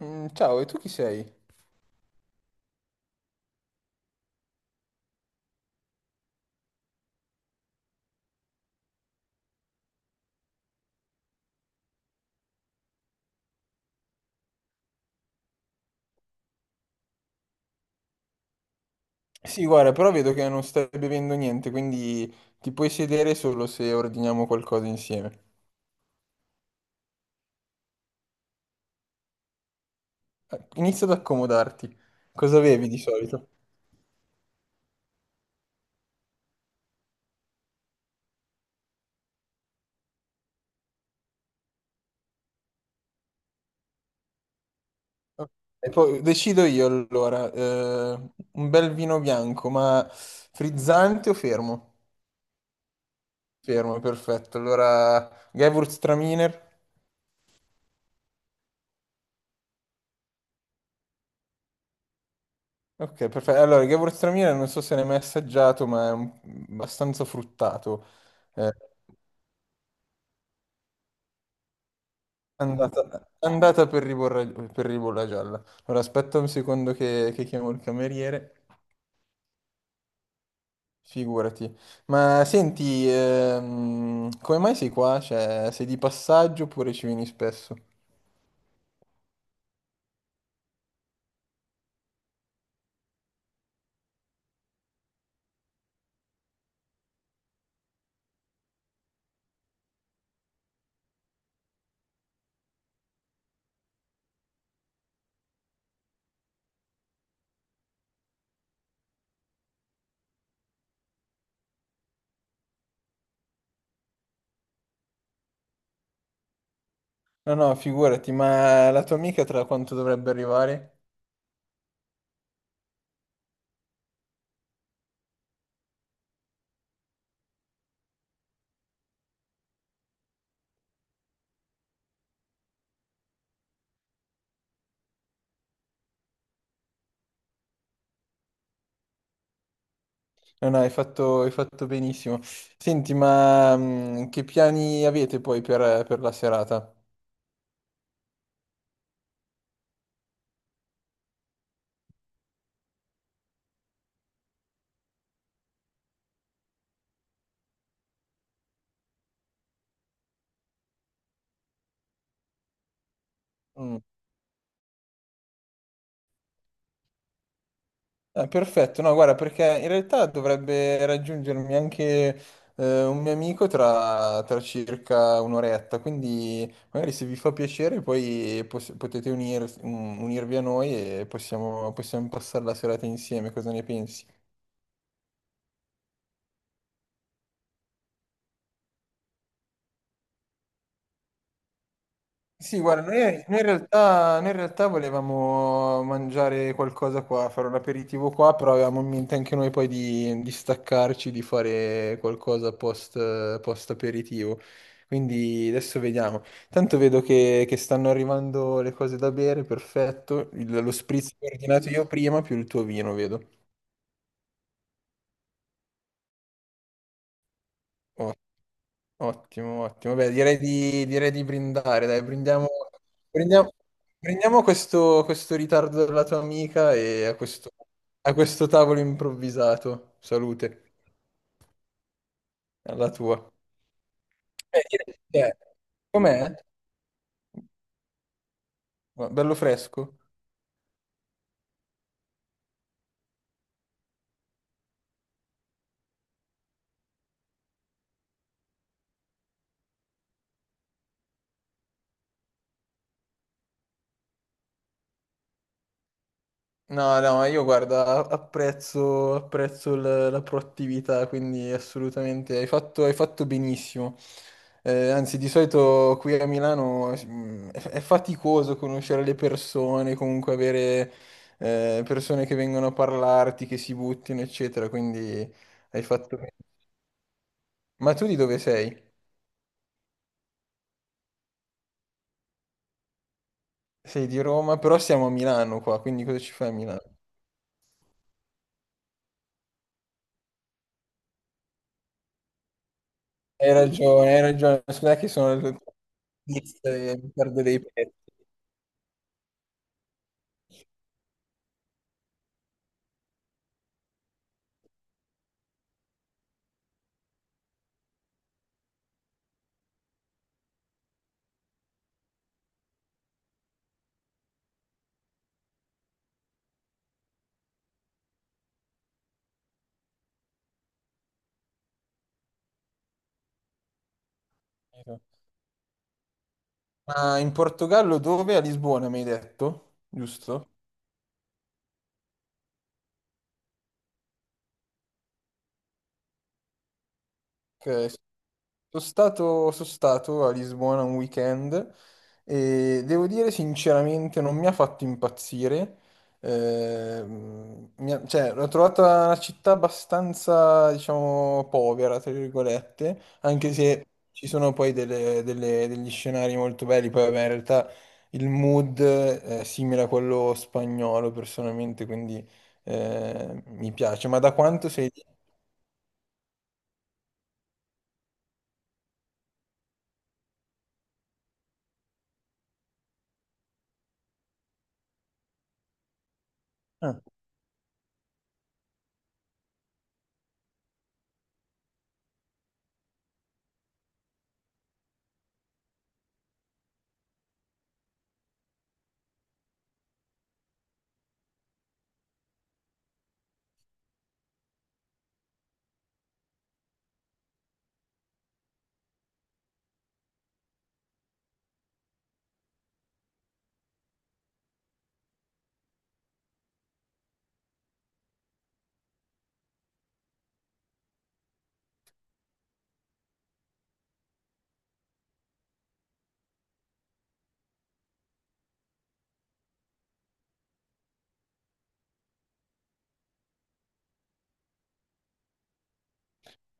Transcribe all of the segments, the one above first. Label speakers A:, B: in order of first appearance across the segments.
A: Mm, ciao, e tu chi sei? Sì, guarda, però vedo che non stai bevendo niente, quindi ti puoi sedere solo se ordiniamo qualcosa insieme. Inizia ad accomodarti. Cosa bevi di solito? E poi decido io allora, un bel vino bianco, ma frizzante o fermo? Fermo, perfetto. Allora, Gewürztraminer. Ok, perfetto. Allora, il Gewürztraminer non so se l'hai mai assaggiato, ma è abbastanza fruttato. Eh, Andata, andata per ribolla gialla. Allora, aspetta un secondo che chiamo il cameriere. Figurati. Ma senti, come mai sei qua? Cioè, sei di passaggio oppure ci vieni spesso? No, no, figurati, ma la tua amica tra quanto dovrebbe arrivare? No, no, hai fatto benissimo. Senti, ma che piani avete poi per la serata? Mm. Perfetto, no, guarda, perché in realtà dovrebbe raggiungermi anche un mio amico tra circa un'oretta, quindi magari se vi fa piacere poi potete unirvi a noi e possiamo passare la serata insieme, cosa ne pensi? Sì, guarda, noi in realtà volevamo mangiare qualcosa qua, fare un aperitivo qua, però avevamo in mente anche noi poi di staccarci, di fare qualcosa post aperitivo. Quindi adesso vediamo. Tanto vedo che stanno arrivando le cose da bere, perfetto. Lo spritz che ho ordinato io prima, più il tuo vino, vedo. Ottimo, ottimo. Beh, direi di brindare, dai, brindiamo- brindiamo questo ritardo della tua amica e a questo tavolo improvvisato. Salute, alla tua. Eh, direi- eh, com'è? Ma bello fresco? No, no, ma io guarda, apprezzo la proattività, quindi assolutamente hai fatto benissimo. Anzi, di solito qui a Milano è faticoso conoscere le persone, comunque avere persone che vengono a parlarti, che si buttino, eccetera, quindi hai fatto bene. Ma tu di dove sei? Sei di Roma, però siamo a Milano qua, quindi cosa ci fai a Milano? Hai ragione, scusa che mi perdo dei pezzi. Ma in Portogallo dove? A Lisbona mi hai detto, giusto? Ok, sono stato a Lisbona un weekend e devo dire sinceramente non mi ha fatto impazzire. Cioè, l'ho trovata una città abbastanza, diciamo, povera, tra virgolette, anche se ci sono poi degli scenari molto belli. Poi, vabbè, in realtà il mood è simile a quello spagnolo personalmente, quindi mi piace. Ma da quanto sei lì?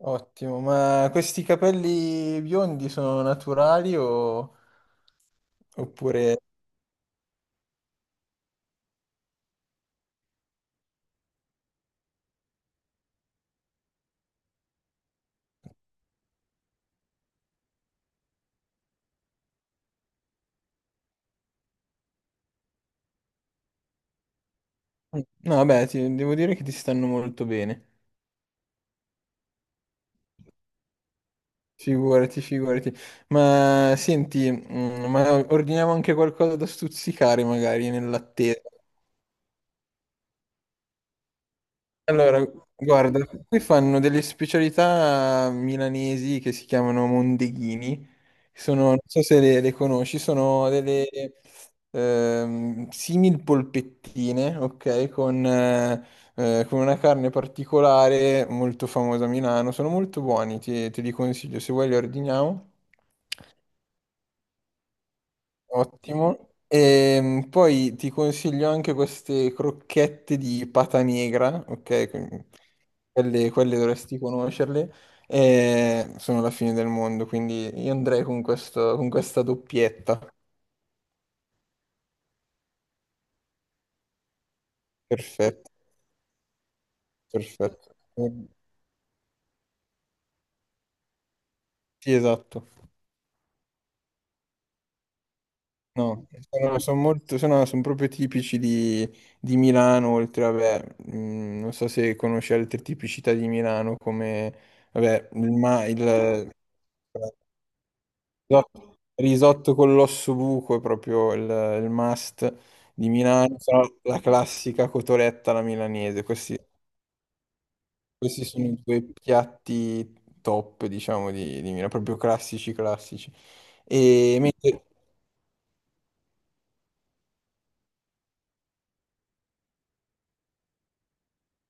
A: Ottimo, ma questi capelli biondi sono naturali oppure? No, vabbè, devo dire che ti stanno molto bene. Figurati, figurati. Ma senti, ma ordiniamo anche qualcosa da stuzzicare magari nell'attesa. Allora, guarda, qui fanno delle specialità milanesi che si chiamano mondeghini. Sono, non so se le conosci, sono delle simil polpettine, ok? Con una carne particolare molto famosa a Milano. Sono molto buoni, te li consiglio. Se vuoi li ordiniamo. Ottimo. E poi ti consiglio anche queste crocchette di pata negra, ok? Quindi quelle dovresti conoscerle. E sono la fine del mondo, quindi io andrei con con questa doppietta. Perfetto, perfetto. Sì, esatto. No, sono proprio tipici di Milano, oltre, vabbè, non so se conosci altre tipicità di Milano come, vabbè, Risotto risotto con l'osso buco è proprio il must di Milano, se no la classica cotoletta alla milanese. Questi sono i due piatti top, diciamo, di Milano, proprio classici, classici. E mentre-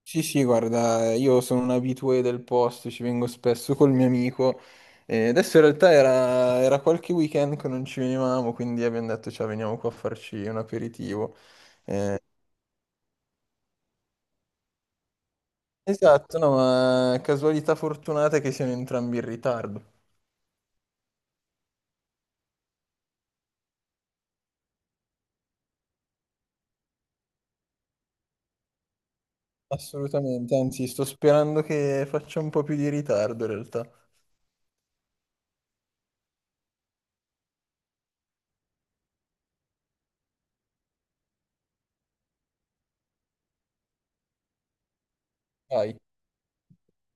A: sì, sì, guarda, io sono un abitué del posto, ci vengo spesso col mio amico. E adesso in realtà era qualche weekend che non ci venivamo, quindi abbiamo detto, ciao, veniamo qua a farci un aperitivo. Eh, Esatto, no, ma casualità fortunata che siano entrambi in ritardo. Assolutamente, anzi, sto sperando che faccia un po' più di ritardo in realtà. Vai.